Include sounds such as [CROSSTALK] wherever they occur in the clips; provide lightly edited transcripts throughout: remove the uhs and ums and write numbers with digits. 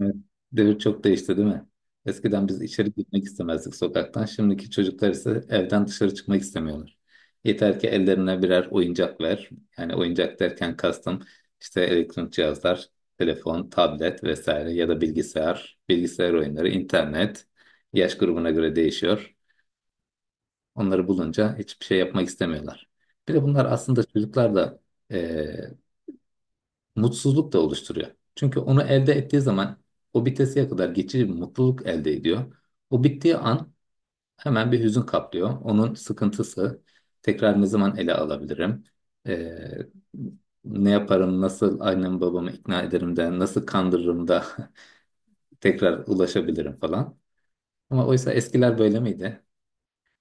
Evet, devir çok değişti değil mi? Eskiden biz içeri gitmek istemezdik sokaktan. Şimdiki çocuklar ise evden dışarı çıkmak istemiyorlar. Yeter ki ellerine birer oyuncak ver. Yani oyuncak derken kastım işte elektronik cihazlar, telefon, tablet vesaire ya da bilgisayar oyunları, internet. Yaş grubuna göre değişiyor. Onları bulunca hiçbir şey yapmak istemiyorlar. Bir de bunlar aslında çocuklar da mutsuzluk da oluşturuyor. Çünkü onu elde ettiği zaman o bitesiye kadar geçici bir mutluluk elde ediyor. O bittiği an hemen bir hüzün kaplıyor. Onun sıkıntısı tekrar ne zaman ele alabilirim? Ee, Ne yaparım, nasıl annemi babamı ikna ederim de, nasıl kandırırım da [LAUGHS] tekrar ulaşabilirim falan. Ama oysa eskiler böyle miydi?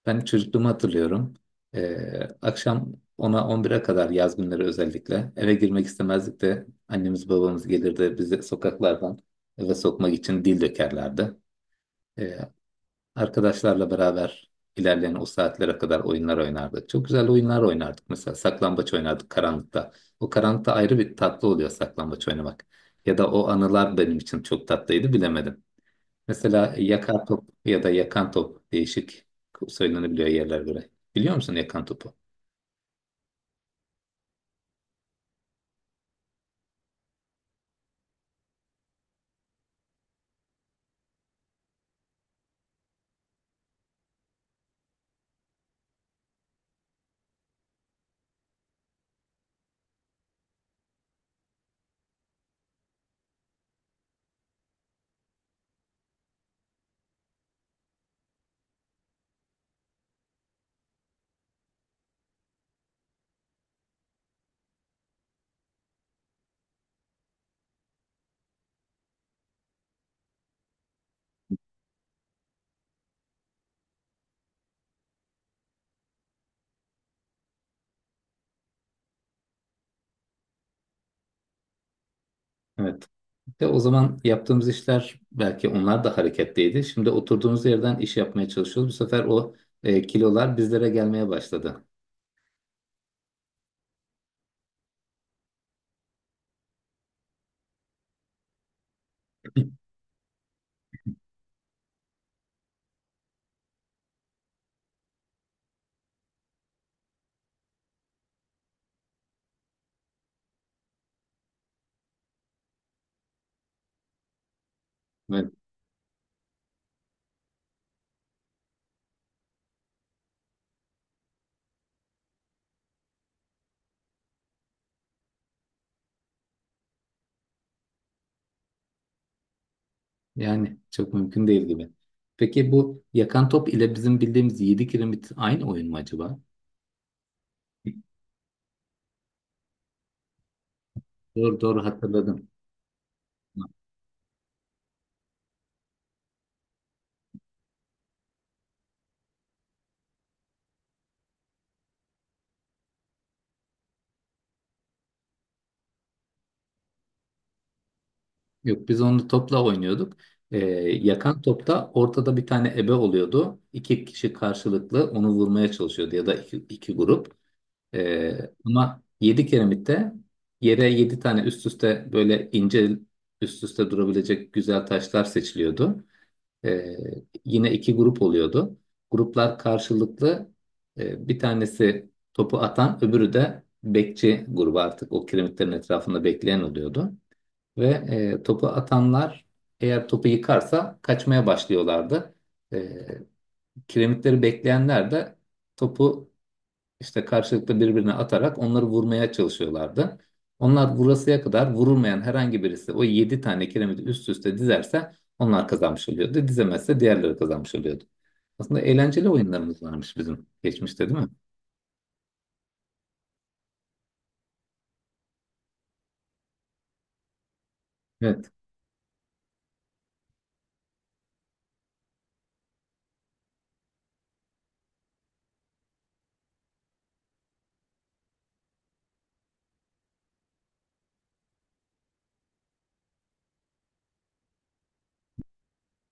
Ben çocukluğumu hatırlıyorum. Ee, Akşam 10'a 11'e kadar yaz günleri özellikle eve girmek istemezdik de annemiz babamız gelirdi bizi sokaklardan eve sokmak için dil dökerlerdi. Ee, Arkadaşlarla beraber ilerleyen o saatlere kadar oyunlar oynardık. Çok güzel oyunlar oynardık. Mesela saklambaç oynardık karanlıkta. O karanlıkta ayrı bir tatlı oluyor saklambaç oynamak. Ya da o anılar benim için çok tatlıydı bilemedim. Mesela yakar top ya da yakan top değişik söylenebiliyor yerler göre. Biliyor musun yakan topu? Evet. De o zaman yaptığımız işler belki onlar da hareketliydi. Şimdi oturduğumuz yerden iş yapmaya çalışıyoruz. Bu sefer o kilolar bizlere gelmeye başladı. [LAUGHS] Evet. Yani çok mümkün değil gibi. Peki bu yakan top ile bizim bildiğimiz 7 kiremit aynı oyun mu acaba? [LAUGHS] Doğru doğru, hatırladım. Yok biz onu topla oynuyorduk. Ee, Yakan topta ortada bir tane ebe oluyordu. İki kişi karşılıklı onu vurmaya çalışıyordu ya da iki grup. Ee, Ama yedi kiremitte yere yedi tane üst üste böyle ince üst üste durabilecek güzel taşlar seçiliyordu. Ee, Yine iki grup oluyordu. Gruplar karşılıklı bir tanesi topu atan öbürü de bekçi grubu artık o kiremitlerin etrafında bekleyen oluyordu. Ve topu atanlar eğer topu yıkarsa kaçmaya başlıyorlardı. E, Kiremitleri bekleyenler de topu işte karşılıklı birbirine atarak onları vurmaya çalışıyorlardı. Onlar vurasıya kadar vurulmayan herhangi birisi o 7 tane kiremiti üst üste dizerse onlar kazanmış oluyordu. Dizemezse diğerleri kazanmış oluyordu. Aslında eğlenceli oyunlarımız varmış bizim geçmişte değil mi? Evet.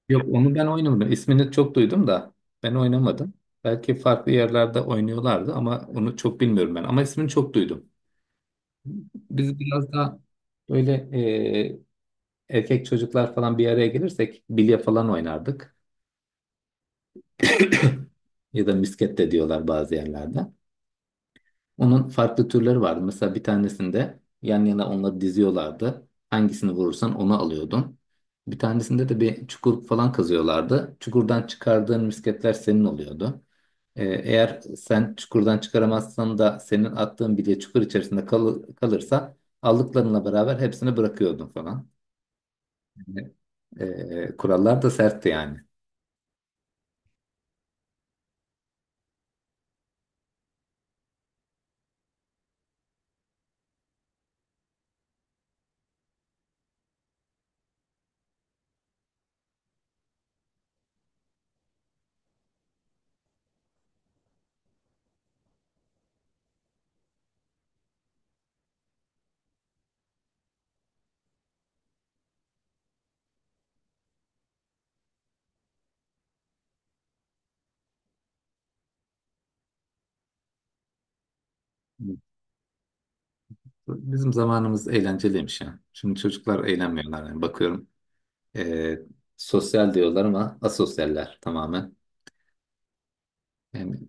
Yok onu ben oynamadım. İsmini çok duydum da ben oynamadım. Belki farklı yerlerde oynuyorlardı ama onu çok bilmiyorum ben. Ama ismini çok duydum. Biz biraz daha böyle erkek çocuklar falan bir araya gelirsek bilye falan oynardık. [COUGHS] [CLEARS THROAT] Ya da misket de diyorlar bazı yerlerde. Onun farklı türleri vardı. Mesela bir tanesinde yan yana onları diziyorlardı. Hangisini vurursan onu alıyordun. Bir tanesinde de bir çukur falan kazıyorlardı. Çukurdan çıkardığın misketler senin oluyordu. Eğer sen çukurdan çıkaramazsan da senin attığın bilye çukur içerisinde kalırsa aldıklarınla beraber hepsini bırakıyordun falan. Yani, kurallar da sertti yani. Bizim zamanımız eğlenceliymiş ya. Şimdi çocuklar eğlenmiyorlar yani bakıyorum. Ee, Sosyal diyorlar ama asosyaller tamamen. Yani,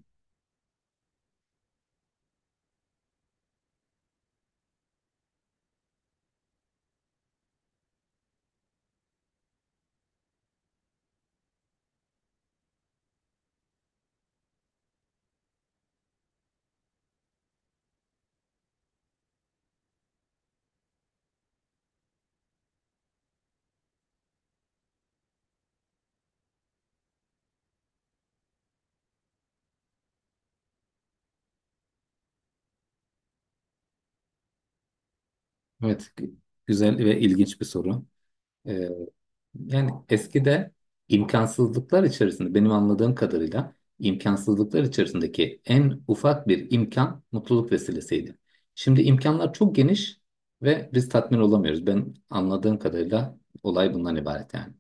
evet, güzel ve ilginç bir soru. Ee, Yani eskide benim anladığım kadarıyla imkansızlıklar içerisindeki en ufak bir imkan mutluluk vesilesiydi. Şimdi imkanlar çok geniş ve biz tatmin olamıyoruz. Ben anladığım kadarıyla olay bundan ibaret yani.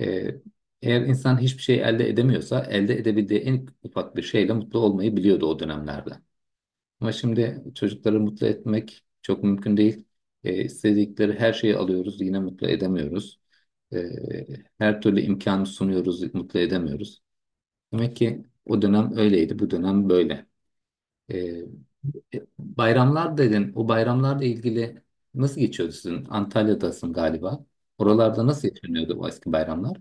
Ee, Eğer insan hiçbir şey elde edemiyorsa, elde edebildiği en ufak bir şeyle mutlu olmayı biliyordu o dönemlerde. Ama şimdi çocukları mutlu etmek çok mümkün değil. İstedikleri her şeyi alıyoruz, yine mutlu edemiyoruz. E, Her türlü imkanı sunuyoruz, mutlu edemiyoruz. Demek ki o dönem öyleydi, bu dönem böyle. E, Bayramlar dedin, o bayramlarla ilgili nasıl geçiyordu sizin? Antalya'dasın galiba. Oralarda nasıl yaşanıyordu o eski bayramlar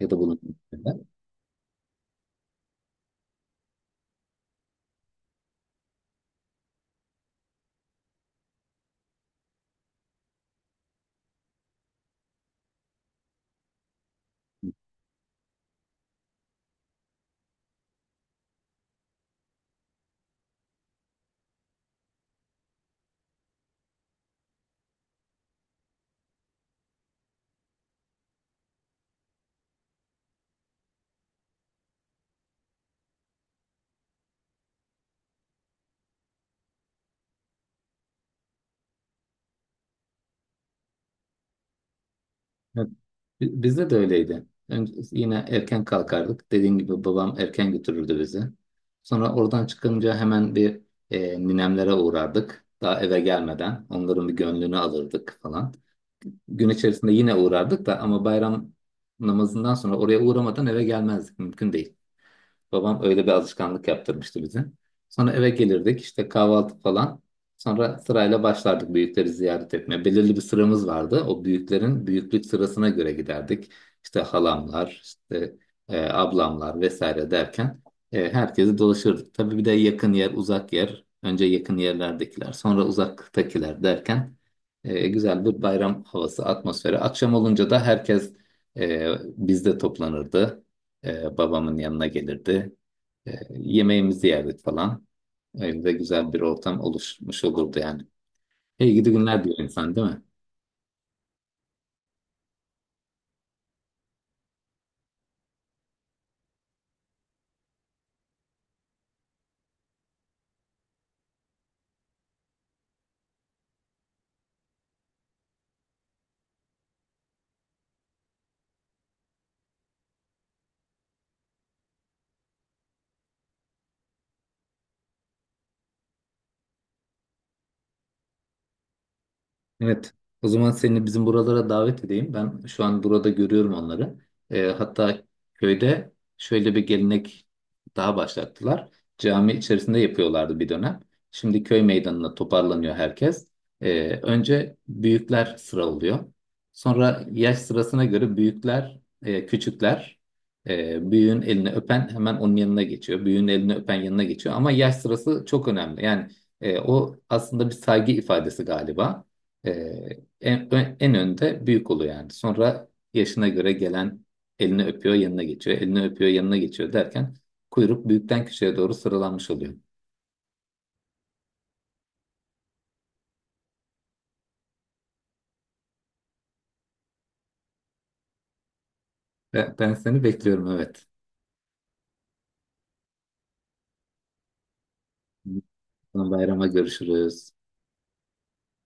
ya da bunun? Evet. Bizde de öyleydi. Önce yine erken kalkardık. Dediğim gibi babam erken götürürdü bizi. Sonra oradan çıkınca hemen bir ninemlere uğrardık. Daha eve gelmeden onların bir gönlünü alırdık falan. Gün içerisinde yine uğrardık da ama bayram namazından sonra oraya uğramadan eve gelmezdik. Mümkün değil. Babam öyle bir alışkanlık yaptırmıştı bize. Sonra eve gelirdik işte kahvaltı falan. Sonra sırayla başlardık büyükleri ziyaret etmeye. Belirli bir sıramız vardı. O büyüklerin büyüklük sırasına göre giderdik. İşte halamlar, işte ablamlar vesaire derken herkesi dolaşırdık. Tabii bir de yakın yer, uzak yer. Önce yakın yerlerdekiler, sonra uzaktakiler derken güzel bir bayram havası, atmosferi. Akşam olunca da herkes e, bizde toplanırdı. Babamın yanına gelirdi. Yemeğimizi yerdik falan. Evde güzel bir ortam oluşmuş olurdu yani. İyi gidi günler diyor insan değil mi? Evet. O zaman seni bizim buralara davet edeyim. Ben şu an burada görüyorum onları. Hatta köyde şöyle bir gelenek daha başlattılar. Cami içerisinde yapıyorlardı bir dönem. Şimdi köy meydanına toparlanıyor herkes. Önce büyükler sıralıyor. Sonra yaş sırasına göre büyükler, küçükler, büyüğün elini öpen hemen onun yanına geçiyor. Büyüğün elini öpen yanına geçiyor. Ama yaş sırası çok önemli. Yani o aslında bir saygı ifadesi galiba. Ee, en, en önde büyük oluyor yani. Sonra yaşına göre gelen elini öpüyor, yanına geçiyor. Elini öpüyor, yanına geçiyor derken kuyruk büyükten küçüğe doğru sıralanmış oluyor. Ve ben seni bekliyorum, evet. Bayrama görüşürüz.